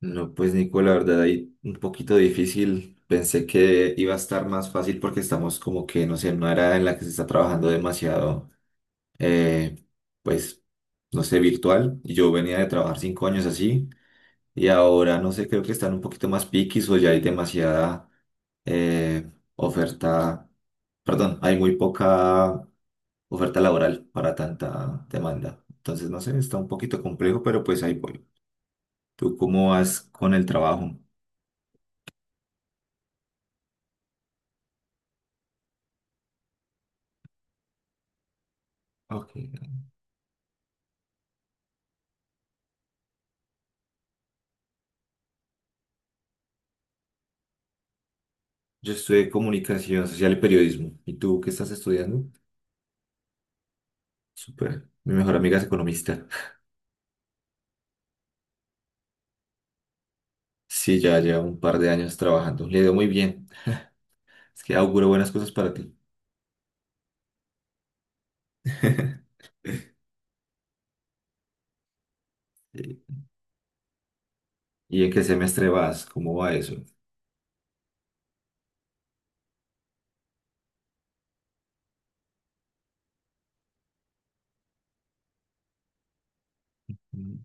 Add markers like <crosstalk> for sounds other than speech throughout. No, pues Nico, la verdad ahí un poquito difícil. Pensé que iba a estar más fácil porque estamos como que, no sé, en una era en la que se está trabajando demasiado, eh, pues, no sé, virtual. Yo venía de trabajar 5 años así y ahora, no sé, creo que están un poquito más piquis o ya hay demasiada eh, oferta, perdón, hay muy poca oferta laboral para tanta demanda. Entonces, no sé, está un poquito complejo, pero pues ahí voy. ¿Tú cómo vas con el trabajo? Ok. Yo estudié comunicación social y periodismo. ¿Y tú qué estás estudiando? Súper. Mi mejor amiga es economista. <laughs> Sí, ya lleva un par de años trabajando. Le dio muy bien. Es que auguro buenas cosas para ti. <laughs> ¿Y y en qué semestre vas? ¿Cómo va eso? Mm.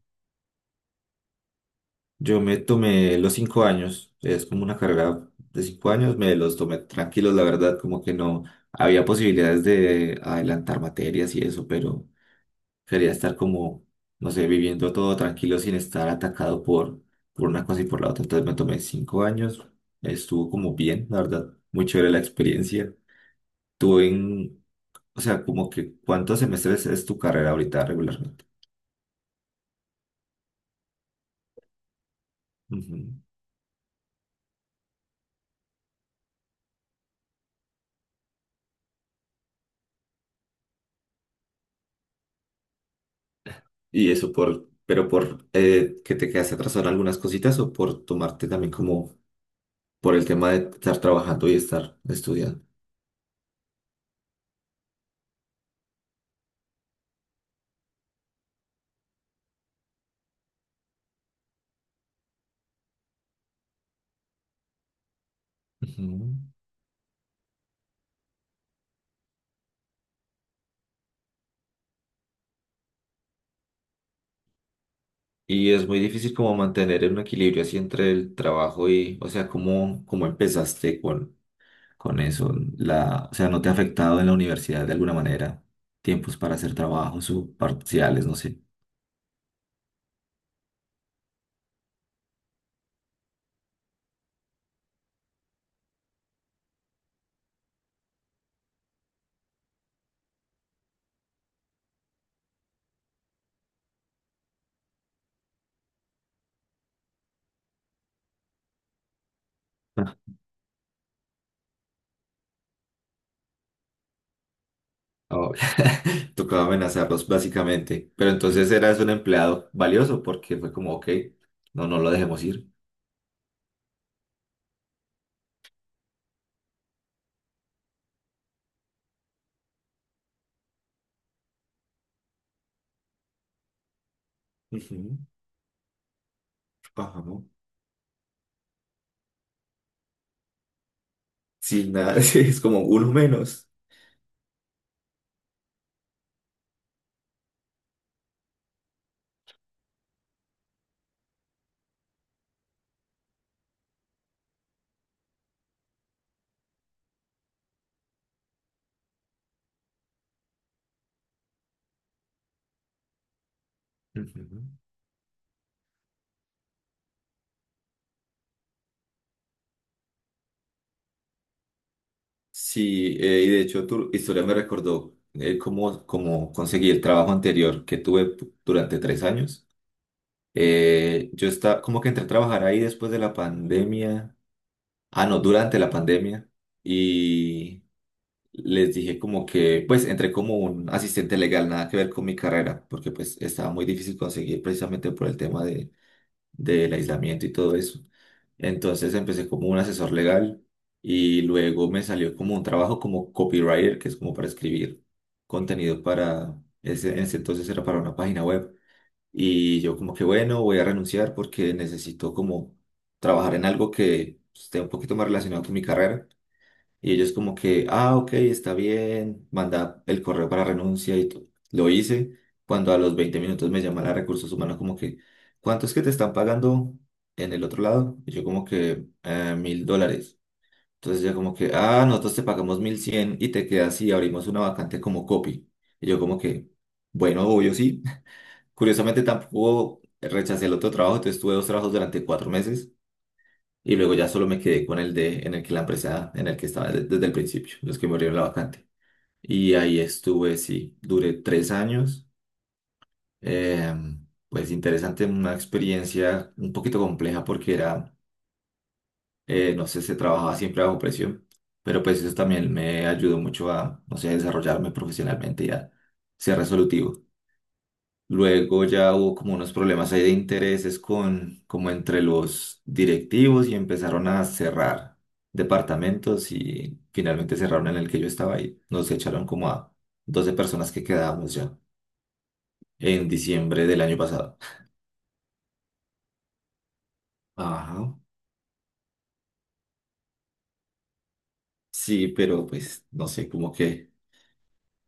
Yo me tomé los 5 años. Es como una carrera de 5 años. Me los tomé tranquilos, la verdad. Como que no había posibilidades de adelantar materias y eso, pero quería estar como, no sé, viviendo todo tranquilo sin estar atacado por una cosa y por la otra. Entonces me tomé 5 años, estuvo como bien, la verdad, muy chévere la experiencia. Tuve en, o sea, como que, ¿cuántos semestres es tu carrera ahorita regularmente? Ujú. Y eso pero por que te quedaste atrasado en algunas cositas o por tomarte también como por el tema de estar trabajando y estar estudiando. Ujú. Y es muy difícil como mantener un equilibrio así entre el trabajo y, o sea, ¿cómo empezaste con eso? O sea, ¿no te ha afectado en la universidad de alguna manera? Tiempos para hacer trabajos o parciales, no sé. Ah. Oh, <laughs> tocaba amenazarlos básicamente. Pero entonces eras un empleado valioso porque fue como, ok, no, no lo dejemos ir. Ujú. Bajamos. Sin nada, <laughs> sí, es como uno menos. Ujú. Sí, y de hecho tu historia me recordó cómo, cómo conseguí el trabajo anterior que tuve durante 3 años. Yo estaba, como que entré a trabajar ahí después de la pandemia, ah, no, durante la pandemia, y les dije como que, pues entré como un asistente legal, nada que ver con mi carrera, porque pues estaba muy difícil conseguir precisamente por el tema de del aislamiento y todo eso. Entonces empecé como un asesor legal y luego me salió como un trabajo como copywriter, que es como para escribir contenido para, ese, en ese entonces era para una página web. Y yo como que bueno, voy a renunciar porque necesito como trabajar en algo que esté un poquito más relacionado con mi carrera. Y ellos como que, ah, ok, está bien, manda el correo para renuncia y todo. Lo hice cuando a los 20 minutos me llama la recursos humanos como que, ¿cuánto es que te están pagando en el otro lado? Y yo como que, $1.000. Entonces ya como que, ah, nosotros te pagamos 1.100 y te quedas y abrimos una vacante como copy. Y yo como que, bueno, obvio sí. <laughs> Curiosamente tampoco rechacé el otro trabajo, entonces tuve dos trabajos durante 4 meses y luego ya solo me quedé con el de en el que la empresa en el que estaba desde el principio, los que me abrieron la vacante. Y ahí estuve, sí, duré 3 años. Eh, pues interesante, una experiencia un poquito compleja porque era, no sé, se trabajaba siempre bajo presión, pero pues eso también me ayudó mucho a, no sé, a desarrollarme profesionalmente y a ser resolutivo. Luego ya hubo como unos problemas ahí de intereses con, como entre los directivos y empezaron a cerrar departamentos y finalmente cerraron en el que yo estaba ahí. Nos echaron como a 12 personas que quedábamos ya en diciembre del año pasado. Ajá. Sí, pero pues no sé, como que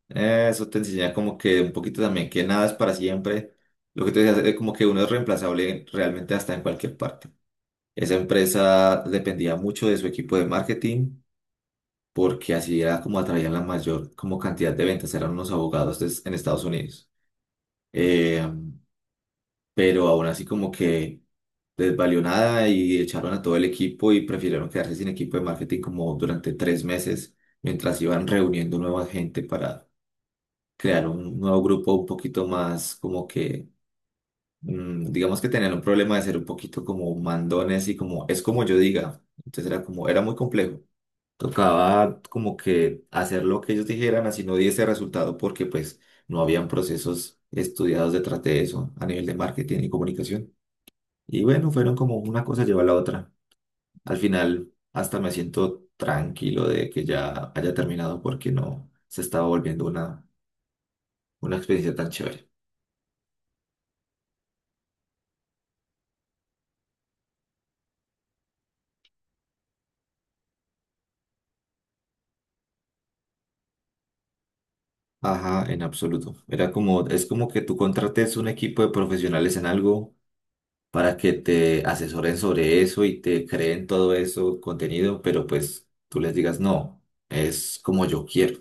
eso te enseña como que un poquito también que nada es para siempre. Lo que te decía es como que uno es reemplazable realmente hasta en cualquier parte. Esa empresa dependía mucho de su equipo de marketing porque así era como atraían la mayor como cantidad de ventas, eran unos abogados en Estados Unidos. Eh, pero aún así como que les valió nada y echaron a todo el equipo y prefirieron quedarse sin equipo de marketing como durante 3 meses mientras iban reuniendo nueva gente para crear un nuevo grupo un poquito más como que, digamos que tenían un problema de ser un poquito como mandones y como es como yo diga. Entonces era como, era muy complejo. Tocaba como que hacer lo que ellos dijeran, así no diese resultado, porque pues no habían procesos estudiados detrás de eso a nivel de marketing y comunicación. Y bueno, fueron como una cosa lleva a la otra. Al final, hasta me siento tranquilo de que ya haya terminado porque no se estaba volviendo una experiencia tan chévere. Ajá, en absoluto. Era como, es como que tú contrates un equipo de profesionales en algo para que te asesoren sobre eso y te creen todo eso contenido, pero pues tú les digas, no, es como yo quiero.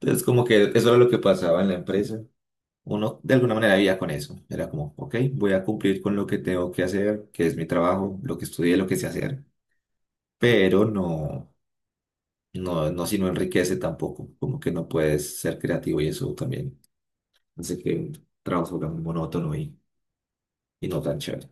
Entonces, como que eso era lo que pasaba en la empresa. Uno de alguna manera vivía con eso. Era como, ok, voy a cumplir con lo que tengo que hacer, que es mi trabajo, lo que estudié, lo que sé hacer, pero no, no, no, si no enriquece tampoco, como que no puedes ser creativo y eso también hace que un trabajo sea muy monótono y no tan chévere.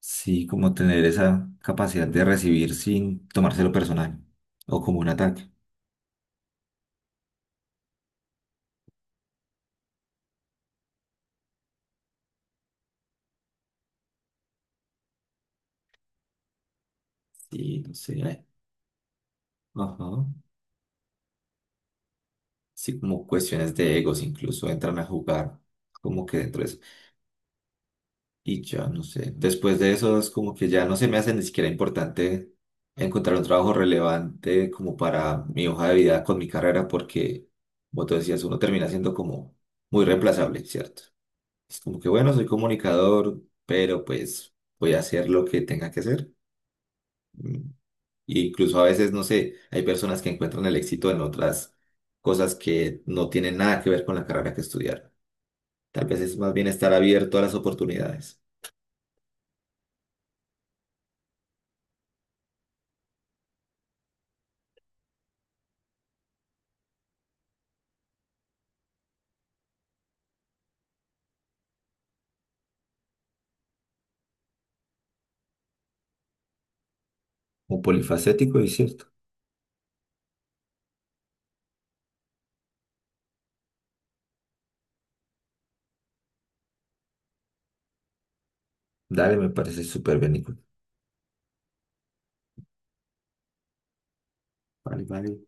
Sí, como tener esa capacidad de recibir sin tomárselo personal o como un ataque. Sí, no sé. Ajá. Sí, como cuestiones de egos incluso entran a jugar como que dentro de eso. Y ya, no sé. Después de eso es como que ya no se me hace ni siquiera importante encontrar un trabajo relevante como para mi hoja de vida con mi carrera porque, como tú decías, uno termina siendo como muy reemplazable, ¿cierto? Es como que, bueno, soy comunicador, pero pues voy a hacer lo que tenga que hacer. Mm, E incluso a veces, no sé, hay personas que encuentran el éxito en otras cosas que no tienen nada que ver con la carrera que estudiaron. Tal vez es más bien estar abierto a las oportunidades. Un polifacético y cierto. Dale, me parece súper bien, Nico. Vale, vale.